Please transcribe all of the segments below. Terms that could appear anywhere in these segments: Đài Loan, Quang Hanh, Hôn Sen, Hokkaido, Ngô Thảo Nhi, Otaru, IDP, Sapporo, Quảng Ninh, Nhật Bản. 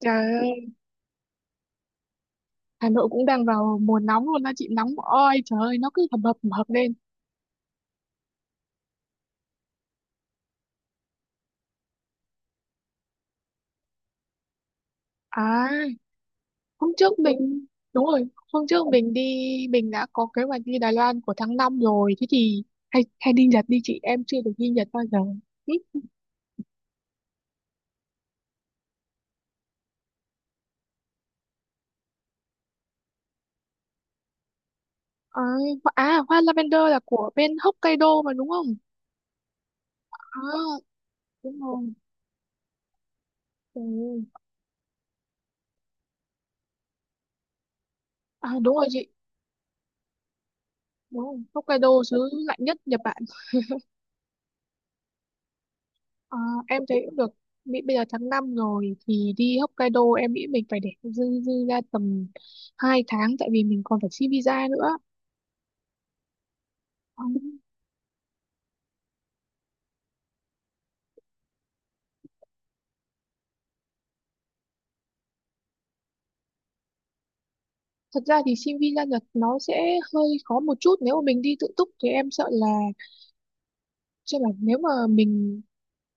Trời ơi, Hà Nội cũng đang vào mùa nóng luôn đó chị, nóng oi, trời ơi nó cứ hầm hập lên. À hôm trước mình Đúng rồi, hôm trước mình đi, mình đã có kế hoạch đi Đài Loan của tháng 5 rồi. Thế thì hay hay đi Nhật đi chị, em chưa được đi Nhật bao giờ. Ừ, à, à hoa lavender là của bên Hokkaido mà đúng không? À đúng rồi, ừ. À đúng rồi chị, đúng rồi Hokkaido xứ lạnh nhất Nhật Bản. Ờ, em thấy cũng được. Mỹ bây giờ tháng 5 rồi thì đi Hokkaido em nghĩ mình phải để dư dư ra tầm 2 tháng, tại vì mình còn phải xin visa nữa. Ờ, thật ra thì xin visa Nhật nó sẽ hơi khó một chút, nếu mà mình đi tự túc thì em sợ là, chứ là nếu mà mình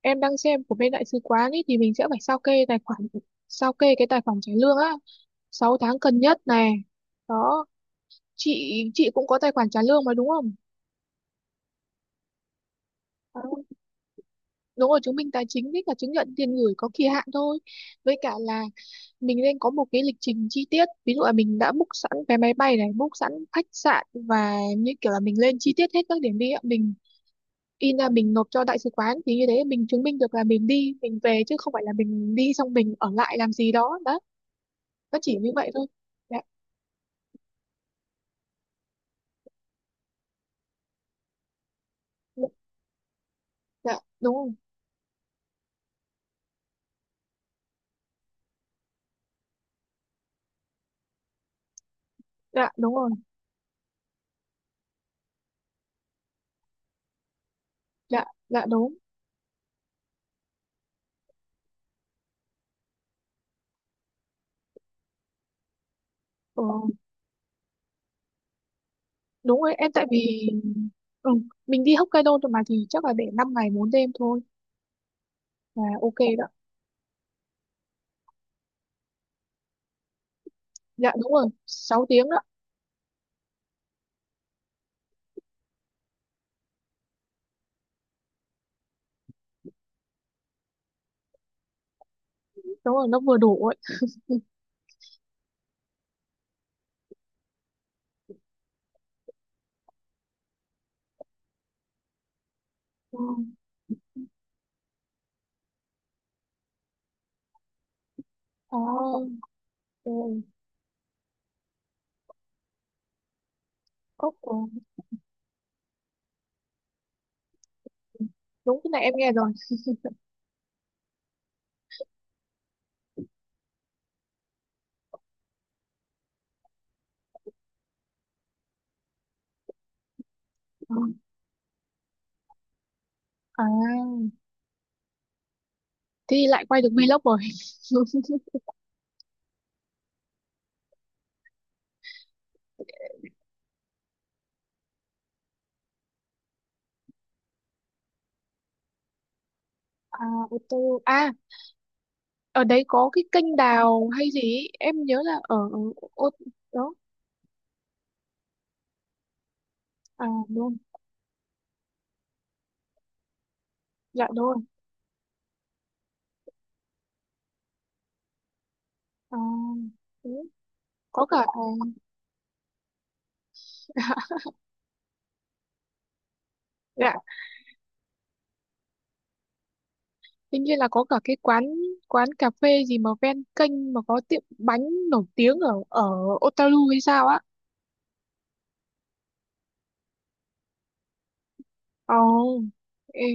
em đang xem của bên đại sứ quán ấy thì mình sẽ phải sao kê tài khoản, sao kê cái tài khoản trả lương á, 6 tháng cần nhất này. Đó, chị cũng có tài khoản trả lương mà đúng không? Ờ. Đúng rồi, chứng minh tài chính với cả chứng nhận tiền gửi có kỳ hạn thôi. Với cả là mình nên có một cái lịch trình chi tiết, ví dụ là mình đã book sẵn vé máy bay này, book sẵn khách sạn và như kiểu là mình lên chi tiết hết các điểm đi ạ, mình in ra mình nộp cho đại sứ quán, thì như thế mình chứng minh được là mình đi mình về, chứ không phải là mình đi xong mình ở lại làm gì đó đó. Nó chỉ như vậy thôi. Dạ. Dạ, dạ, đúng rồi. Dạ đúng rồi. Dạ dạ đúng. Ừ, đúng rồi em, tại vì ừ, mình đi Hokkaido thôi mà thì chắc là để 5 ngày 4 đêm thôi. À, ok đó. Dạ đúng rồi, 6 tiếng đó. Đúng rồi, nó vừa đủ ấy. Ừ. À, ừ. Cốc ừ. Đúng, cái này em nghe rồi. Ừ. À, thì lại quay được vlog rồi. À, ô tô. À, ở đấy có cái kênh đào hay gì ấy. Em nhớ là ở ở ô. Đó. À, đúng. Dạ đúng rồi. À, đúng. Có cả. Dạ, tuy nhiên là có cả cái quán, cà phê gì mà ven kênh mà có tiệm bánh nổi tiếng ở ở Otaru hay sao á. Ồ, ê,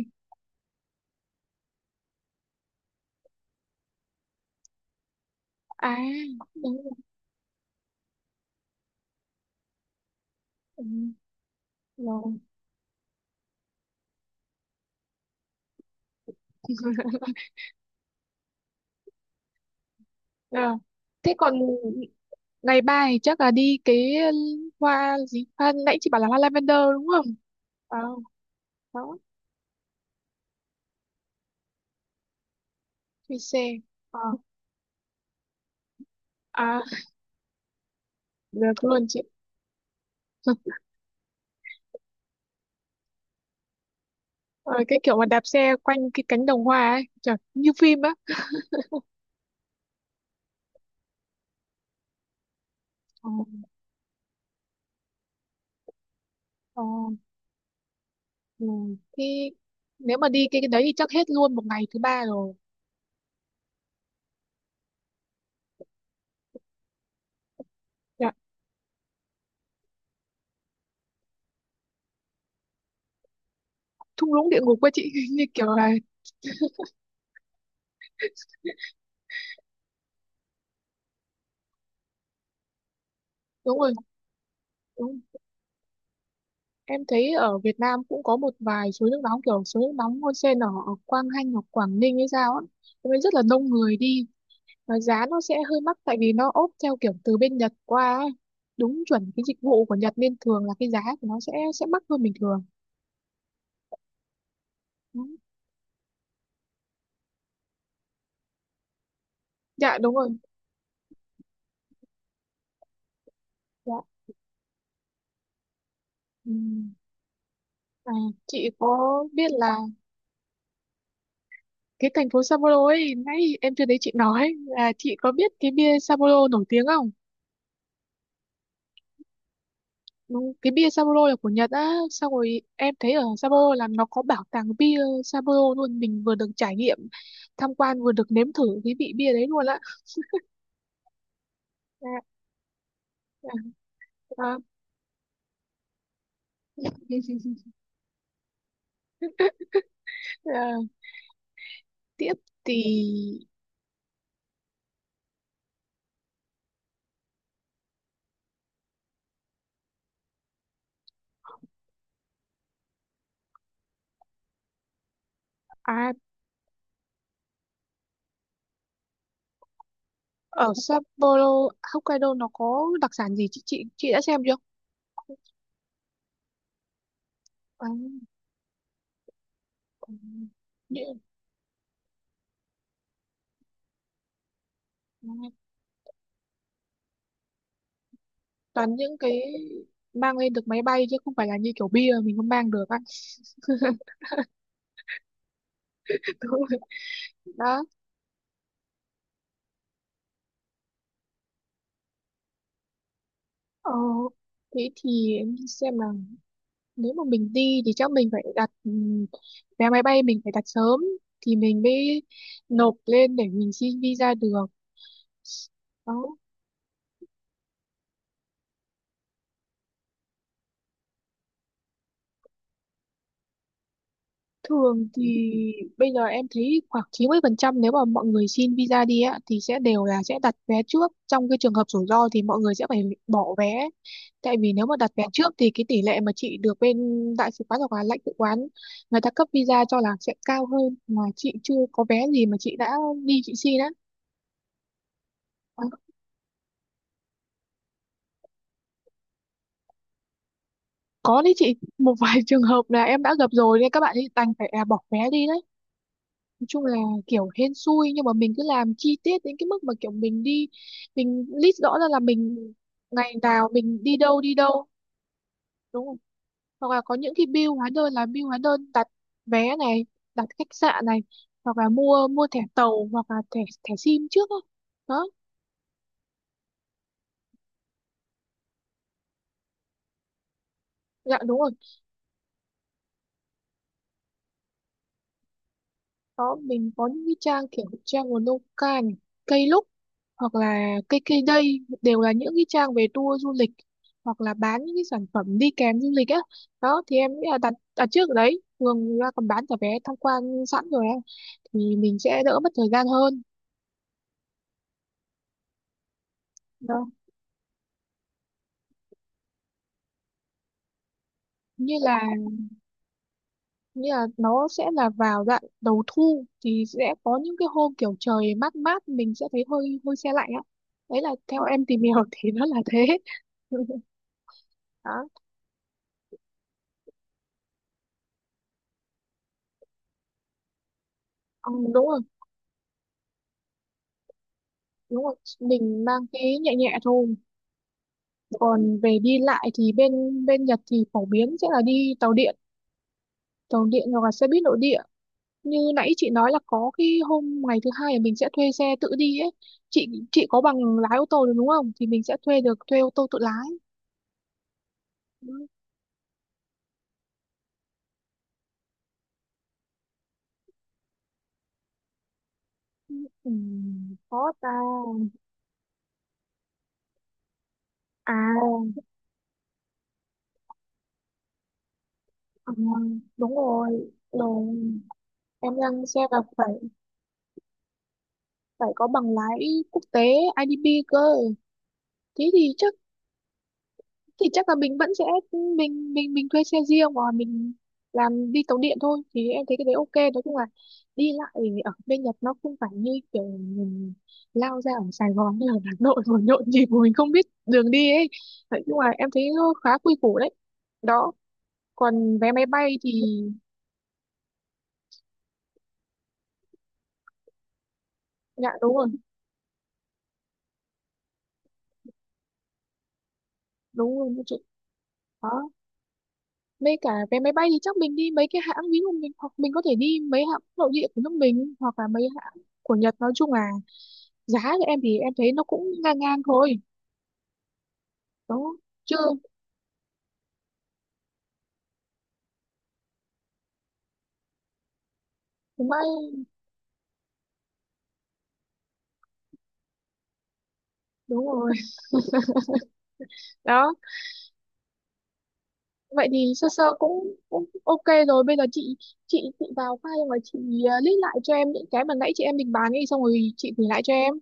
à, đúng rồi, ừ, rồi. Ờ, thế còn ngày ba thì chắc là đi cái hoa gì? Hoa, nãy chị bảo là hoa lavender đúng không? Ờ, đó, thuê xe. Ờ, à, được luôn chị. Ờ, cái kiểu mà đạp xe quanh cái cánh đồng hoa ấy, trời, như phim á. Ờ, ờ, ừ. Thế nếu mà đi cái đấy thì chắc hết luôn một ngày thứ ba rồi. Dạ, thung lũng địa ngục quá chị, như kiểu là, đúng rồi, đúng. Em thấy ở Việt Nam cũng có một vài suối nước nóng kiểu suối nước nóng Hôn Sen ở ở Quang Hanh hoặc Quảng Ninh hay sao á. Thế nên rất là đông người đi và giá nó sẽ hơi mắc tại vì nó ốp theo kiểu từ bên Nhật qua ấy. Đúng chuẩn cái dịch vụ của Nhật nên thường là cái giá của nó sẽ mắc hơn bình thường. Ừ. Dạ đúng rồi. Dạ. Ừ. À, chị có biết là cái thành phố Sapporo ấy, nãy em chưa thấy chị nói là chị có biết cái bia Sapporo nổi tiếng không? Ừ, cái bia Sapporo là của Nhật á, xong rồi em thấy ở Sapporo là nó có bảo tàng bia Sapporo luôn, mình vừa được trải nghiệm tham quan vừa được nếm thử cái vị bia đấy luôn á. À, à, à, à, tiếp thì à, ở Sapporo Hokkaido nó có đặc sản gì chị đã xem chưa? À, ừ, những toàn những cái mang lên được máy bay chứ không phải là như kiểu bia mình không mang được á. Đúng rồi. Đó. Ờ, thế thì em xem nào, nếu mà mình đi thì chắc mình phải đặt vé máy bay, mình phải đặt sớm thì mình mới nộp lên để mình xin visa được. Đó, thường thì bây giờ em thấy khoảng 90% nếu mà mọi người xin visa đi á thì sẽ đều là sẽ đặt vé trước, trong cái trường hợp rủi ro thì mọi người sẽ phải bỏ vé, tại vì nếu mà đặt vé trước thì cái tỷ lệ mà chị được bên đại sứ quán hoặc là lãnh sự quán người ta cấp visa cho là sẽ cao hơn, mà chị chưa có vé gì mà chị đã đi chị xin á. Có đấy chị, một vài trường hợp là em đã gặp rồi nên các bạn ấy đành phải à, bỏ vé đi đấy. Nói chung là kiểu hên xui, nhưng mà mình cứ làm chi tiết đến cái mức mà kiểu mình đi, mình list rõ ra là mình ngày nào mình đi đâu đi đâu, đúng không? Hoặc là có những cái bill hóa đơn, là bill hóa đơn đặt vé này, đặt khách sạn này, hoặc là mua mua thẻ tàu hoặc là thẻ thẻ sim trước đó. Đó, dạ đúng rồi. Đó, mình có những cái trang, kiểu trang của nông cạn, cây lúc hoặc là cây cây đây, đều là những cái trang về tour du lịch hoặc là bán những cái sản phẩm đi kèm du lịch á. Đó thì em nghĩ là đặt đặt trước ở đấy, thường người ta còn bán cả vé tham quan sẵn rồi á, thì mình sẽ đỡ mất thời gian hơn. Đó, như là như là nó sẽ là vào đoạn đầu thu thì sẽ có những cái hôm kiểu trời mát mát, mình sẽ thấy hơi hơi se lạnh á. Đấy là theo em tìm hiểu thì nó là thế. Đó. Ừ, đúng rồi đúng rồi, mình mang cái nhẹ nhẹ thôi. Còn về đi lại thì bên bên Nhật thì phổ biến sẽ là đi tàu điện, tàu điện hoặc là xe buýt nội địa. Như nãy chị nói là có cái hôm ngày thứ hai là mình sẽ thuê xe tự đi ấy, chị có bằng lái ô tô được đúng không, thì mình sẽ thuê được, thuê ô tô tự lái. Ừ, có ta. À, à đúng rồi rồi, em đang xem là phải phải có bằng lái quốc tế IDP cơ, thế thì chắc là mình vẫn sẽ mình thuê xe riêng hoặc là mình làm đi tàu điện thôi, thì em thấy cái đấy ok. Nói chung là đi lại ở bên Nhật nó không phải như kiểu mình lao ra ở Sài Gòn hay là Hà Nội rồi nhộn nhịp mà mình không biết đường đi ấy. Nói chung là em thấy nó khá quy củ đấy. Đó. Còn vé máy bay thì dạ đúng rồi, đúng rồi chị. Đó. Với cả vé máy bay thì chắc mình đi mấy cái hãng, ví dụ mình hoặc mình có thể đi mấy hãng nội địa của nước mình hoặc là mấy hãng của Nhật, nói chung là giá của em thì em thấy nó cũng ngang ngang thôi. Đó. Chưa. Đúng vậy. Đúng rồi. Đó. Vậy thì sơ sơ cũng cũng ok rồi, bây giờ chị chị vào file và chị list lại cho em những cái mà nãy chị em định bàn đi, xong rồi chị gửi lại cho em.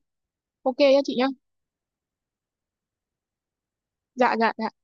Ok nhá chị nhá. Dạ dạ dạ.